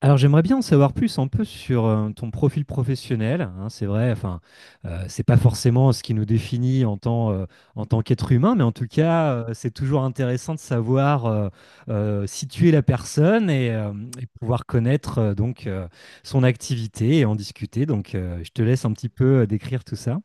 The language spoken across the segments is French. Alors j'aimerais bien en savoir plus un peu sur ton profil professionnel, hein, c'est vrai, enfin, c'est pas forcément ce qui nous définit en tant qu'être humain, mais en tout cas, c'est toujours intéressant de savoir situer la personne et et pouvoir connaître donc son activité et en discuter. Donc je te laisse un petit peu décrire tout ça.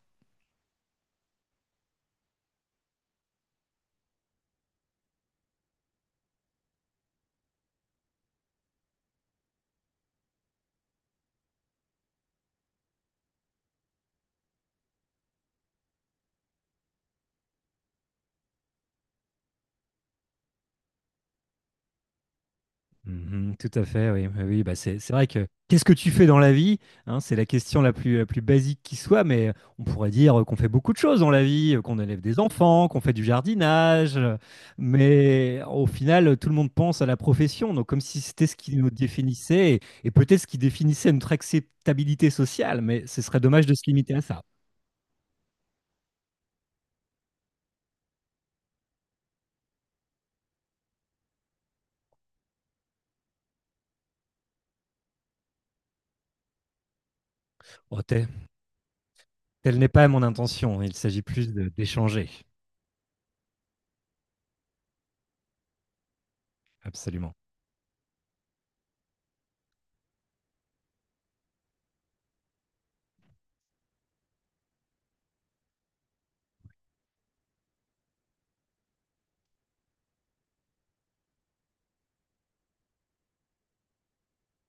Mhm, tout à fait, oui. Oui, oui, bah c'est vrai que qu'est-ce que tu fais dans la vie? Hein, c'est la question la plus basique qui soit, mais on pourrait dire qu'on fait beaucoup de choses dans la vie, qu'on élève des enfants, qu'on fait du jardinage, mais au final, tout le monde pense à la profession, donc comme si c'était ce qui nous définissait, et peut-être ce qui définissait notre acceptabilité sociale, mais ce serait dommage de se limiter à ça. Oh, telle n'est pas mon intention, il s'agit plus d'échanger. Absolument.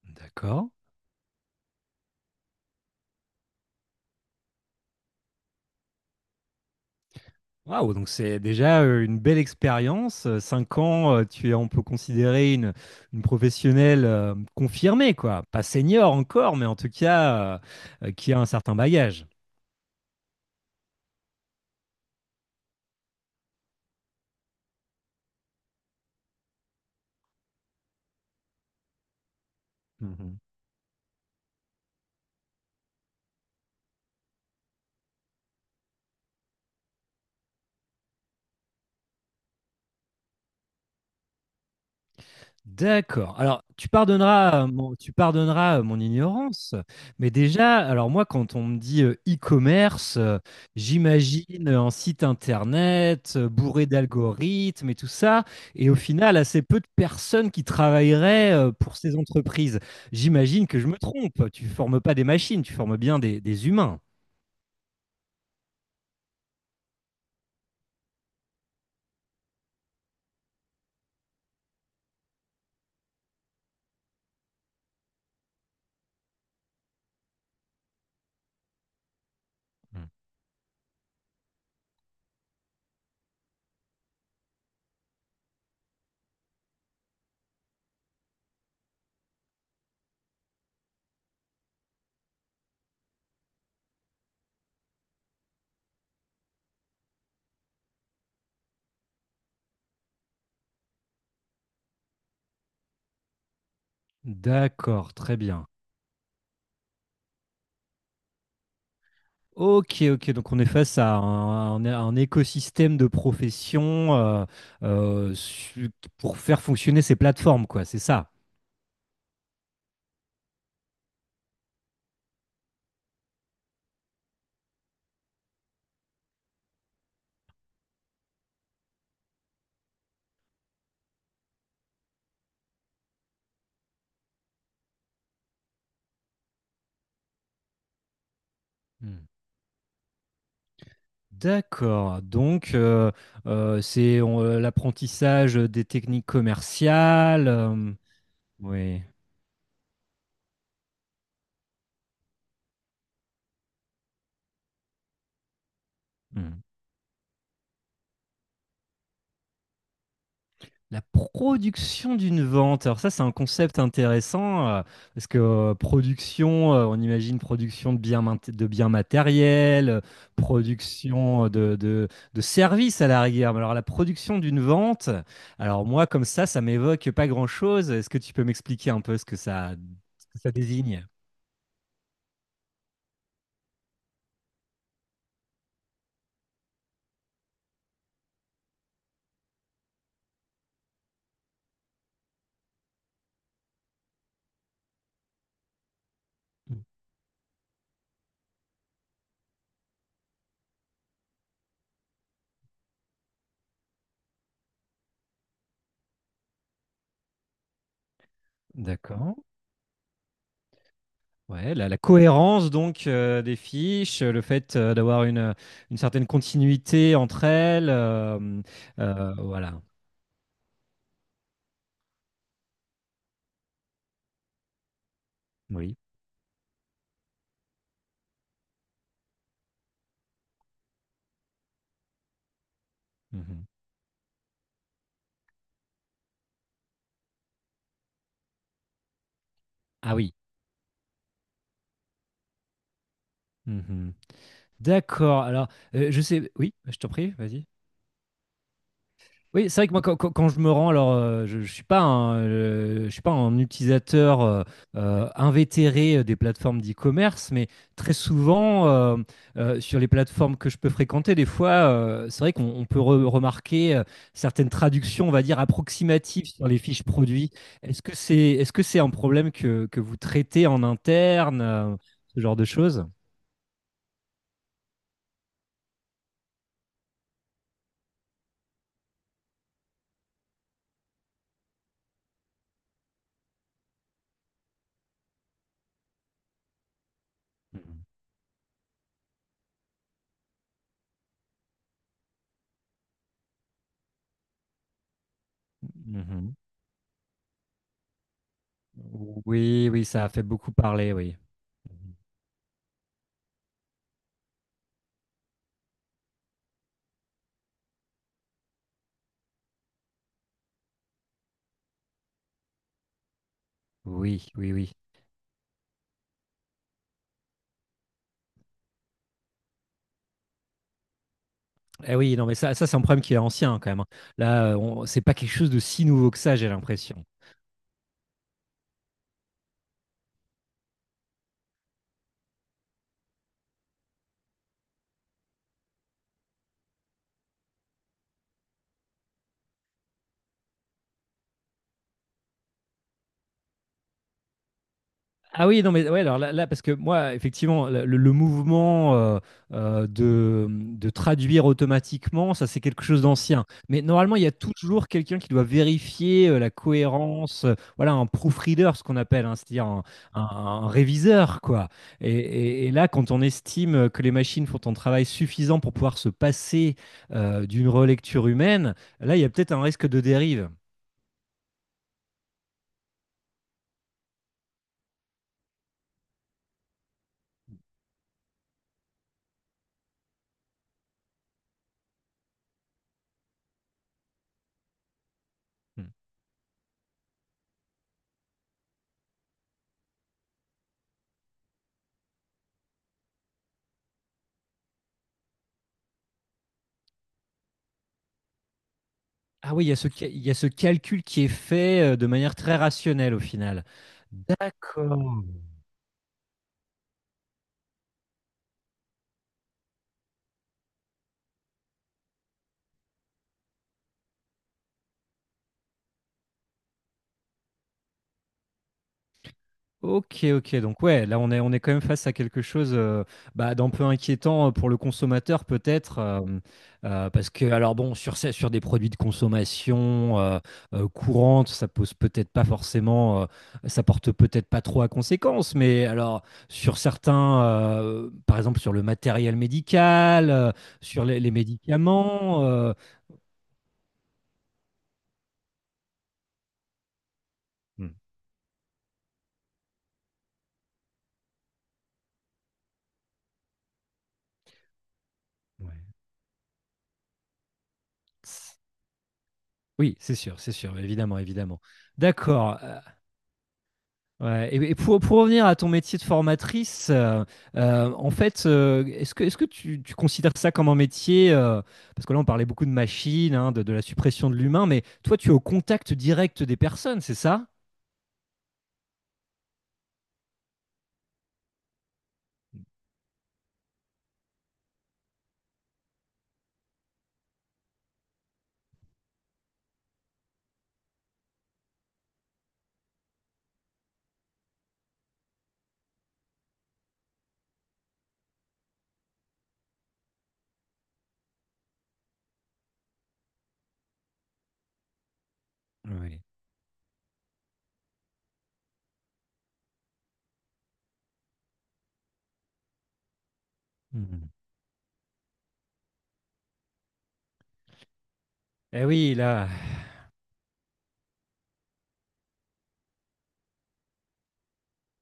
D'accord. Waouh, donc c'est déjà une belle expérience. Cinq ans, tu es, on peut considérer une professionnelle confirmée, quoi. Pas senior encore, mais en tout cas, qui a un certain bagage. Mhm. D'accord. Alors, tu pardonneras, mon, tu pardonneras mon ignorance, mais déjà, alors moi, quand on me dit e-commerce, j'imagine un site internet bourré d'algorithmes et tout ça, et au final, assez peu de personnes qui travailleraient pour ces entreprises. J'imagine que je me trompe. Tu formes pas des machines, tu formes bien des humains. Mm. D'accord, très bien. Ok, ok, donc on est face à un, un écosystème de professions euh, su- pour faire fonctionner ces plateformes, quoi, c'est ça. Hmm. D'accord, donc c'est l'apprentissage des techniques commerciales. Euh, oui. La production d'une vente. Alors ça, c'est un concept intéressant parce que production, on imagine production de biens, de biens matériels, production de services à la rigueur. Mais alors la production d'une vente, alors moi, comme ça m'évoque pas grand-chose. Est-ce que tu peux m'expliquer un peu ce que ça désigne? D'accord. Ouais, la cohérence donc des fiches, le fait d'avoir une certaine continuité entre elles, voilà. Oui. Mhm. Ah oui. Mhm. D'accord. Alors, je sais. Oui, je t'en prie, vas-y. Oui, c'est vrai que moi, quand, quand je me rends, alors, je ne je suis, pas un, je suis pas un utilisateur invétéré des plateformes d'e-commerce, mais très souvent, sur les plateformes que je peux fréquenter, des fois, c'est vrai qu'on peut remarquer certaines traductions, on va dire, approximatives sur les fiches produits. Est-ce que c'est un problème que vous traitez en interne, ce genre de choses? Mhm. Oui, oui, ça a fait beaucoup parler, oui. Mhm. Oui, oui, oui. Eh oui, non, mais ça c'est un problème qui est ancien quand même, hein. Là, on- c'est pas quelque chose de si nouveau que ça, j'ai l'impression. Ah oui, non, mais ouais, alors là, là, parce que moi, effectivement, le mouvement de traduire automatiquement, ça, c'est quelque chose d'ancien. Mais normalement, il y a toujours quelqu'un qui doit vérifier la cohérence, voilà, un proofreader, ce qu'on appelle, hein, c'est-à-dire un, un- un réviseur, quoi. Et, et là, quand on estime que les machines font un travail suffisant pour pouvoir se passer d'une relecture humaine, là, il y a peut-être un risque de dérive. Hmm. Ah oui, il y a ce, il y a ce calcul qui est fait de manière très rationnelle au final. D'accord. Ok, ok. Donc ouais, là on est quand même face à quelque chose bah, d'un peu inquiétant pour le consommateur peut-être, parce que alors bon, sur, sur des produits de consommation courante, ça pose peut-être pas forcément, ça porte peut-être pas trop à conséquence, mais alors sur certains, par exemple sur le matériel médical, sur les médicaments. Euh, ouais. Oui, c'est sûr, évidemment, évidemment. D'accord. Euh, ouais, et pour revenir à ton métier de formatrice, en fait, est-ce que tu considères ça comme un métier, parce que là, on parlait beaucoup de machines, hein, de la suppression de l'humain, mais toi, tu es au contact direct des personnes, c'est ça? Oui. Mhm. Eh oui, là,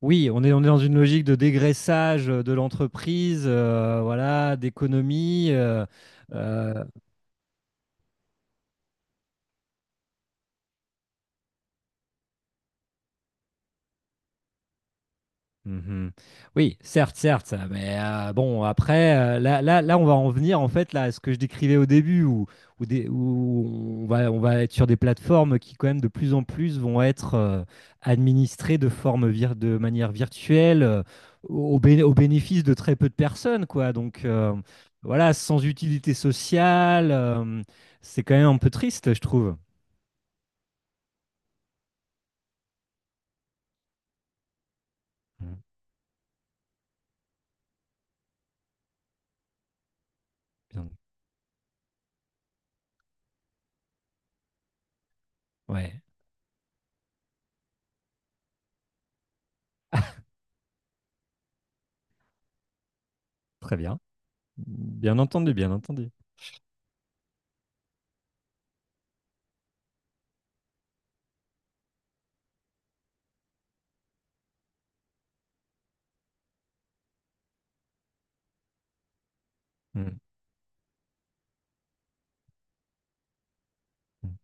oui, on est dans une logique de dégraissage de l'entreprise, voilà, d'économie. Euh, Mhm. Oui, certes, certes, mais bon, après, là, là, là, on va en venir en fait là, à ce que je décrivais au début, où, où où on va être sur des plateformes qui, quand même, de plus en plus vont être administrées de de manière virtuelle, au, au bénéfice de très peu de personnes, quoi. Donc, voilà, sans utilité sociale, c'est quand même un peu triste, je trouve. Mm, bien. Ouais, très bien. Bien entendu, bien entendu. Mm, mm.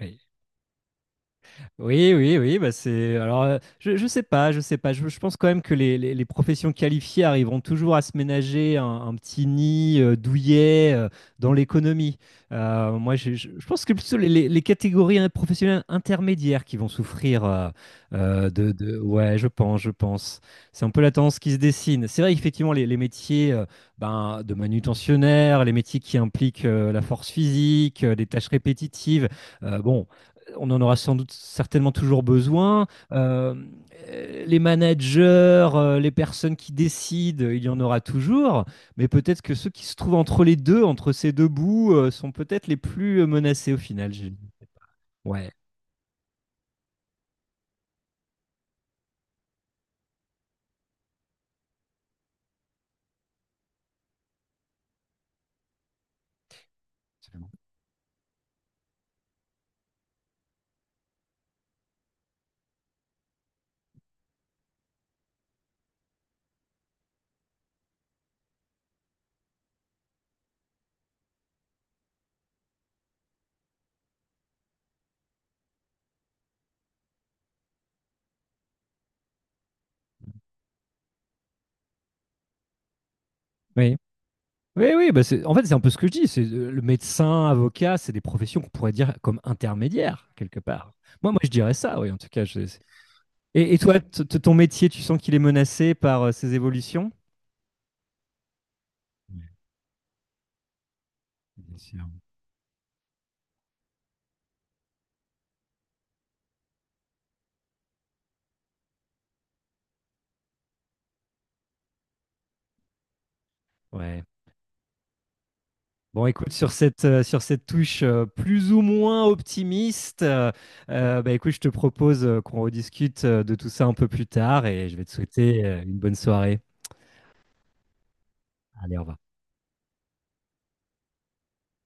Oui. Oui, oui, oui, bah c'est. Alors, je sais pas, je sais pas. Je pense quand même que les, les professions qualifiées arriveront toujours à se ménager un petit nid douillet dans l'économie. Moi, je, je pense que plutôt les, les catégories hein, professionnelles intermédiaires qui vont souffrir Ouais, je pense, je pense. C'est un peu la tendance qui se dessine. C'est vrai, effectivement, les métiers ben, de manutentionnaire, les métiers qui impliquent la force physique, des tâches répétitives. Bon, on en aura sans doute certainement toujours besoin. Euh, les managers, les personnes qui décident, il y en aura toujours. Mais peut-être que ceux qui se trouvent entre les deux, entre ces deux bouts, sont peut-être les plus menacés au final. Ouais. Absolument. Oui. Oui, oui, bah en fait, c'est un peu ce que je dis. C'est le médecin, avocat, c'est des professions qu'on pourrait dire comme intermédiaires, quelque part. Moi, moi, je dirais ça, oui, en tout cas. Et toi, ton métier, tu sens qu'il est menacé par ces évolutions? Ouais, bien sûr. Ouais. Bon, écoute, sur cette touche plus ou moins optimiste, bah, écoute, je te propose qu'on rediscute de tout ça un peu plus tard et je vais te souhaiter une bonne soirée. Allez, au revoir.